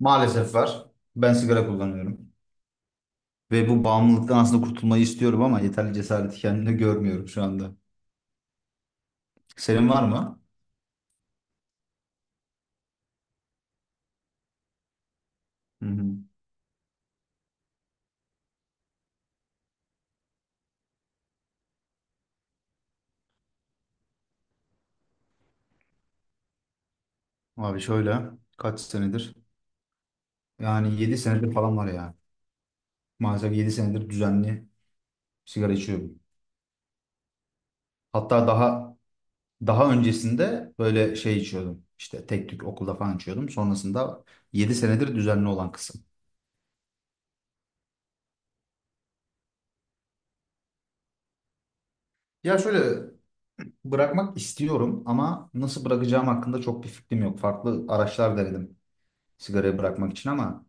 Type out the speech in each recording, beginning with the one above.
Maalesef var. Ben sigara kullanıyorum. Ve bu bağımlılıktan aslında kurtulmayı istiyorum ama yeterli cesareti kendimde görmüyorum şu anda. Senin var mı? Hı hı. Abi şöyle, kaç senedir? Yani 7 senedir falan var ya. Maalesef 7 senedir düzenli sigara içiyorum. Hatta daha öncesinde böyle şey içiyordum. İşte tek tük okulda falan içiyordum. Sonrasında 7 senedir düzenli olan kısım. Ya şöyle, bırakmak istiyorum ama nasıl bırakacağım hakkında çok bir fikrim yok. Farklı araçlar denedim, sigarayı bırakmak için ama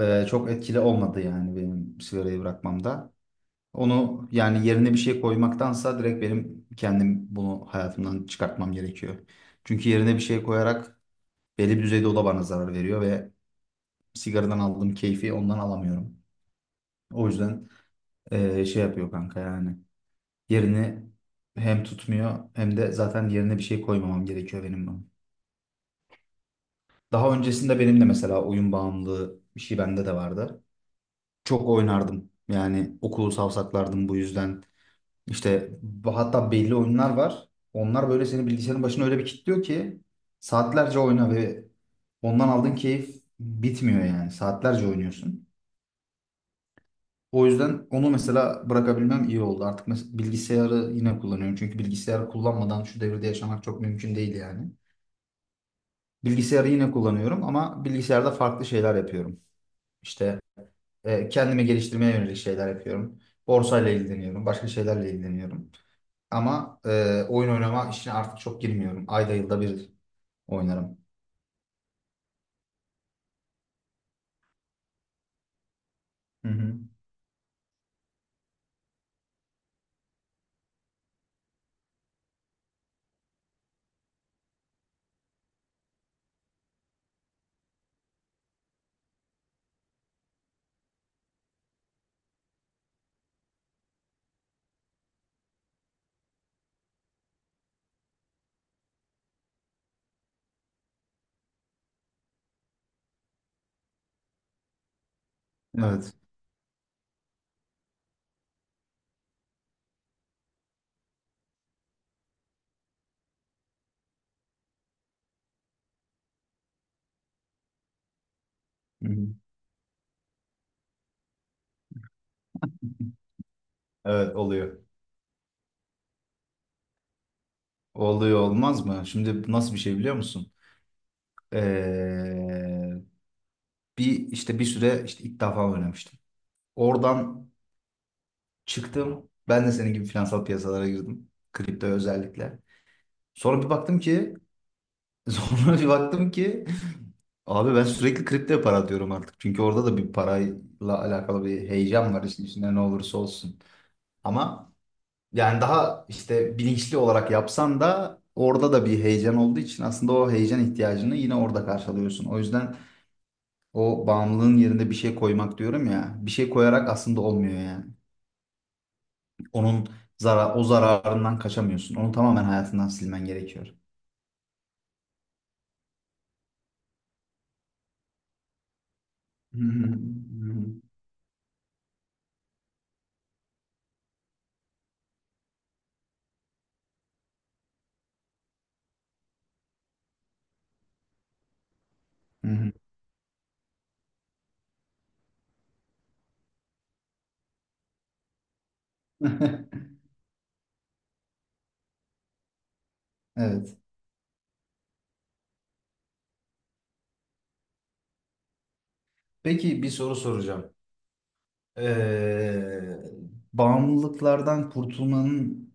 çok etkili olmadı yani benim sigarayı bırakmamda. Onu yani yerine bir şey koymaktansa direkt benim kendim bunu hayatımdan çıkartmam gerekiyor. Çünkü yerine bir şey koyarak belli bir düzeyde o da bana zarar veriyor ve sigaradan aldığım keyfi ondan alamıyorum. O yüzden şey yapıyor kanka, yani yerini hem tutmuyor hem de zaten yerine bir şey koymamam gerekiyor benim bunun. Daha öncesinde benim de mesela oyun bağımlılığı bir şey bende de vardı. Çok oynardım. Yani okulu savsaklardım bu yüzden. İşte hatta belli oyunlar var. Onlar böyle seni bilgisayarın başına öyle bir kilitliyor ki saatlerce oyna ve ondan aldığın keyif bitmiyor yani. Saatlerce oynuyorsun. O yüzden onu mesela bırakabilmem iyi oldu. Artık bilgisayarı yine kullanıyorum. Çünkü bilgisayarı kullanmadan şu devirde yaşamak çok mümkün değil yani. Bilgisayarı yine kullanıyorum ama bilgisayarda farklı şeyler yapıyorum. İşte kendimi geliştirmeye yönelik şeyler yapıyorum. Borsayla ilgileniyorum, başka şeylerle ilgileniyorum. Ama oyun oynama işine artık çok girmiyorum. Ayda yılda bir oynarım. Hı hı. Evet. Hı hı. Evet, oluyor. Oluyor olmaz mı? Şimdi nasıl bir şey biliyor musun? Ee, bir işte bir süre işte ilk defa oynamıştım. Oradan çıktım. Ben de senin gibi finansal piyasalara girdim. Kripto özellikle. Sonra bir baktım ki sonra bir baktım ki abi, ben sürekli kripto para diyorum artık. Çünkü orada da bir parayla alakalı bir heyecan var işin içinde ne olursa olsun. Ama yani daha işte bilinçli olarak yapsan da orada da bir heyecan olduğu için aslında o heyecan ihtiyacını yine orada karşılıyorsun. O yüzden o bağımlılığın yerine bir şey koymak diyorum ya. Bir şey koyarak aslında olmuyor yani. Onun zarar, o zararından kaçamıyorsun. Onu tamamen hayatından silmen gerekiyor. Evet. Peki, bir soru soracağım. Eee, bağımlılıklardan kurtulmanın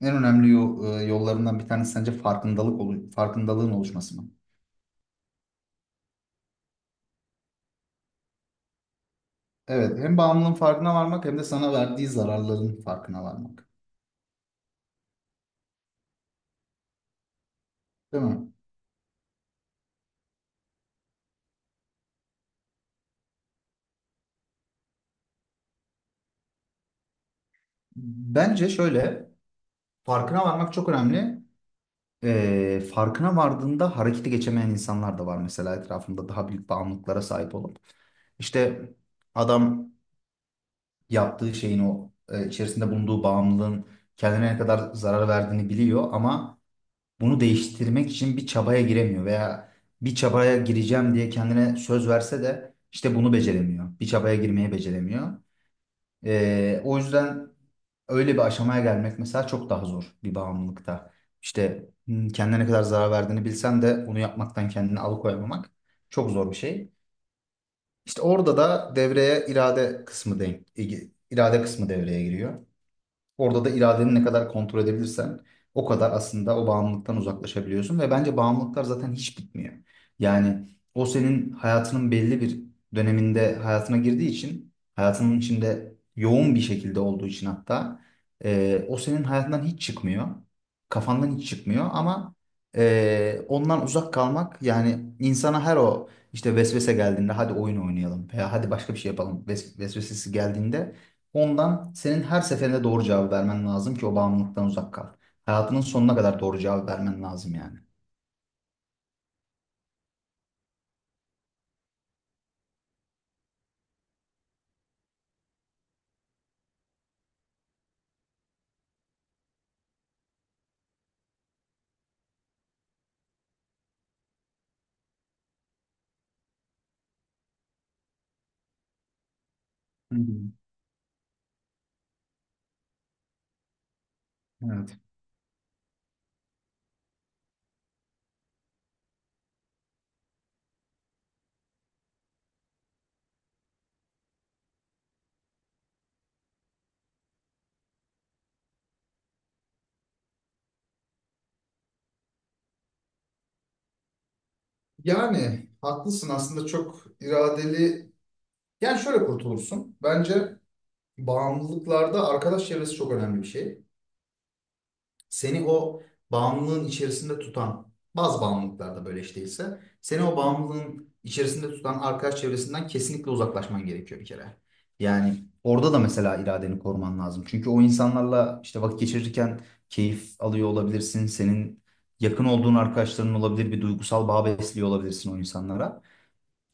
en önemli yollarından bir tanesi sence farkındalık farkındalığın oluşması mı? Evet, hem bağımlılığın farkına varmak hem de sana verdiği zararların farkına varmak. Değil mi? Bence şöyle, farkına varmak çok önemli. Farkına vardığında harekete geçemeyen insanlar da var mesela etrafında daha büyük bağımlılıklara sahip olup. İşte adam, yaptığı şeyin o içerisinde bulunduğu bağımlılığın kendine ne kadar zarar verdiğini biliyor ama bunu değiştirmek için bir çabaya giremiyor veya bir çabaya gireceğim diye kendine söz verse de işte bunu beceremiyor. Bir çabaya girmeyi beceremiyor. O yüzden öyle bir aşamaya gelmek mesela çok daha zor bir bağımlılıkta. İşte kendine ne kadar zarar verdiğini bilsen de onu yapmaktan kendini alıkoyamamak çok zor bir şey. İşte orada da devreye irade kısmı devreye giriyor. Orada da iradeni ne kadar kontrol edebilirsen o kadar aslında o bağımlılıktan uzaklaşabiliyorsun ve bence bağımlılıklar zaten hiç bitmiyor. Yani o senin hayatının belli bir döneminde hayatına girdiği için hayatının içinde yoğun bir şekilde olduğu için hatta o senin hayatından hiç çıkmıyor. Kafandan hiç çıkmıyor ama ondan uzak kalmak yani insana her o işte vesvese geldiğinde hadi oyun oynayalım veya hadi başka bir şey yapalım vesvesesi geldiğinde ondan senin her seferinde doğru cevabı vermen lazım ki o bağımlılıktan uzak kal. Hayatının sonuna kadar doğru cevabı vermen lazım yani. Hı hı. Evet. Yani haklısın, aslında çok iradeli. Yani şöyle kurtulursun. Bence bağımlılıklarda arkadaş çevresi çok önemli bir şey. Seni o bağımlılığın içerisinde tutan bazı bağımlılıklarda böyle iş değilse seni o bağımlılığın içerisinde tutan arkadaş çevresinden kesinlikle uzaklaşman gerekiyor bir kere. Yani orada da mesela iradeni koruman lazım. Çünkü o insanlarla işte vakit geçirirken keyif alıyor olabilirsin. Senin yakın olduğun arkadaşların olabilir. Bir duygusal bağ besliyor olabilirsin o insanlara.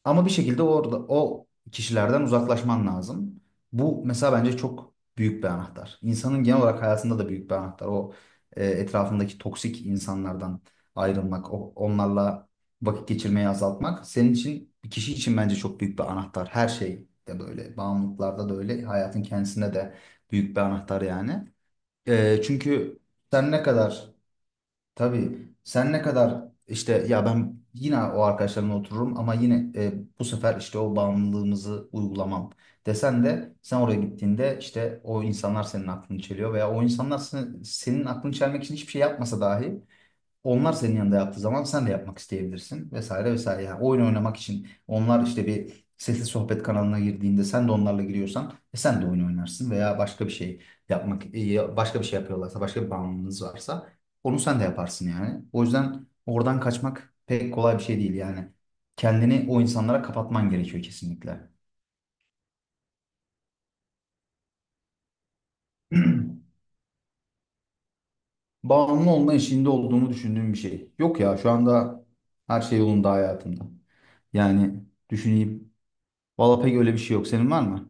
Ama bir şekilde orada o kişilerden uzaklaşman lazım. Bu mesela bence çok büyük bir anahtar. İnsanın genel olarak hayatında da büyük bir anahtar. O etrafındaki toksik insanlardan ayrılmak, onlarla vakit geçirmeyi azaltmak senin için, bir kişi için bence çok büyük bir anahtar. Her şey de böyle, bağımlılıklarda da öyle, hayatın kendisine de büyük bir anahtar yani. E, çünkü sen ne kadar Tabii, sen ne kadar işte ya ben yine o arkadaşlarımla otururum ama yine bu sefer işte o bağımlılığımızı uygulamam desen de sen oraya gittiğinde işte o insanlar senin aklını çeliyor veya o insanlar senin aklını çelmek için hiçbir şey yapmasa dahi onlar senin yanında yaptığı zaman sen de yapmak isteyebilirsin, vesaire vesaire. Yani oyun oynamak için onlar işte bir sesli sohbet kanalına girdiğinde sen de onlarla giriyorsan sen de oyun oynarsın veya başka bir şey yapmak başka bir şey yapıyorlarsa başka bir bağımlılığınız varsa onu sen de yaparsın yani. O yüzden oradan kaçmak pek kolay bir şey değil yani. Kendini o insanlara kapatman gerekiyor kesinlikle. Bağımlı olma eşiğinde olduğunu düşündüğüm bir şey. Yok ya, şu anda her şey yolunda hayatımda. Yani düşüneyim. Valla pek öyle bir şey yok. Senin var mı?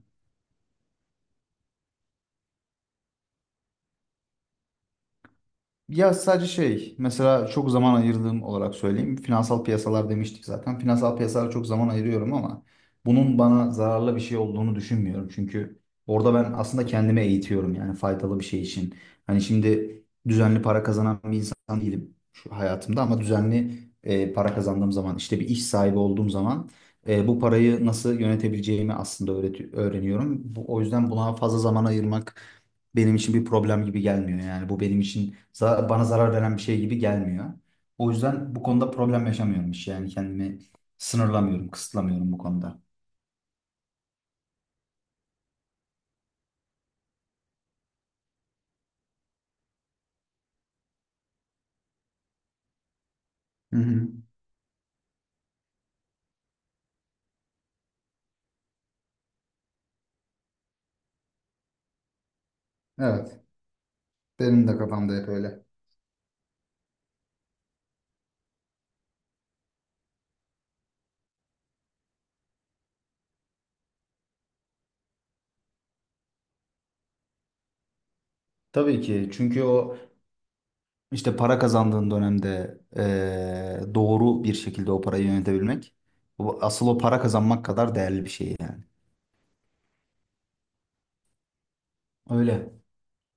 Ya, sadece şey, mesela çok zaman ayırdığım olarak söyleyeyim. Finansal piyasalar demiştik zaten. Finansal piyasalara çok zaman ayırıyorum ama bunun bana zararlı bir şey olduğunu düşünmüyorum. Çünkü orada ben aslında kendimi eğitiyorum yani faydalı bir şey için. Hani şimdi düzenli para kazanan bir insan değilim şu hayatımda ama düzenli para kazandığım zaman, işte bir iş sahibi olduğum zaman bu parayı nasıl yönetebileceğimi aslında öğreniyorum. Bu, o yüzden buna fazla zaman ayırmak benim için bir problem gibi gelmiyor. Yani bu benim için bana zarar veren bir şey gibi gelmiyor. O yüzden bu konuda problem yaşamıyorum hiç. Yani kendimi sınırlamıyorum, kısıtlamıyorum bu konuda. Hı hı. Evet. Benim de kafamda hep öyle. Tabii ki, çünkü o işte para kazandığın dönemde doğru bir şekilde o parayı yönetebilmek, asıl o para kazanmak kadar değerli bir şey yani. Öyle.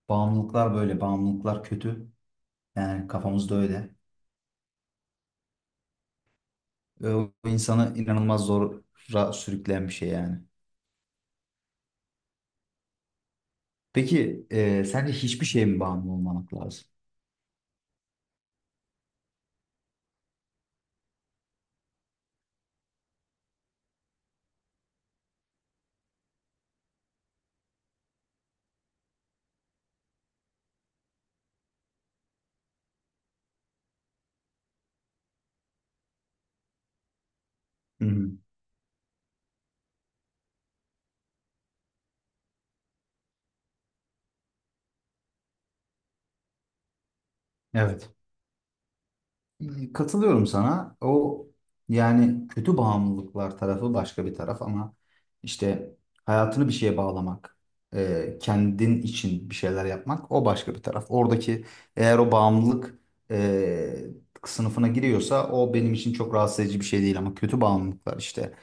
Bağımlılıklar böyle. Bağımlılıklar kötü. Yani kafamızda öyle. O insanı inanılmaz zora sürükleyen bir şey yani. Peki sence hiçbir şeye mi bağımlı olmamak lazım? Hı hı. Evet. Katılıyorum sana. O yani kötü bağımlılıklar tarafı başka bir taraf ama işte hayatını bir şeye bağlamak, kendin için bir şeyler yapmak o başka bir taraf. Oradaki eğer o bağımlılık e, sınıfına giriyorsa o benim için çok rahatsız edici bir şey değil ama kötü bağımlılıklar işte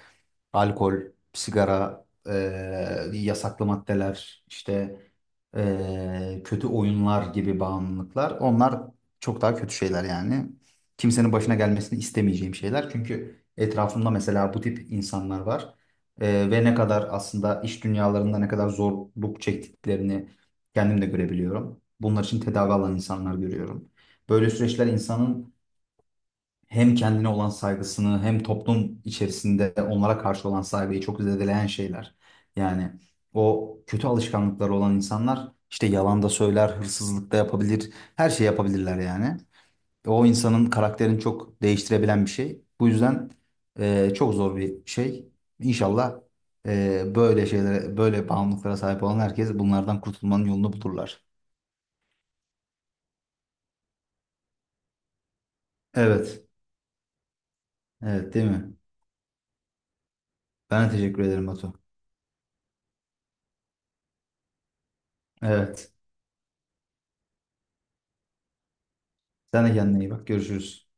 alkol, sigara, yasaklı maddeler, işte kötü oyunlar gibi bağımlılıklar. Onlar çok daha kötü şeyler yani. Kimsenin başına gelmesini istemeyeceğim şeyler. Çünkü etrafımda mesela bu tip insanlar var. Ve ne kadar aslında iş dünyalarında ne kadar zorluk çektiklerini kendim de görebiliyorum. Bunlar için tedavi alan insanlar görüyorum. Böyle süreçler insanın hem kendine olan saygısını hem toplum içerisinde onlara karşı olan saygıyı çok zedeleyen şeyler. Yani o kötü alışkanlıkları olan insanlar işte yalan da söyler, hırsızlık da yapabilir, her şey yapabilirler yani. O insanın karakterini çok değiştirebilen bir şey. Bu yüzden çok zor bir şey. İnşallah böyle şeylere, böyle bağımlılıklara sahip olan herkes bunlardan kurtulmanın yolunu bulurlar. Evet, evet, değil mi? Ben de teşekkür ederim Batu. Evet. Sen de kendine iyi bak. Görüşürüz.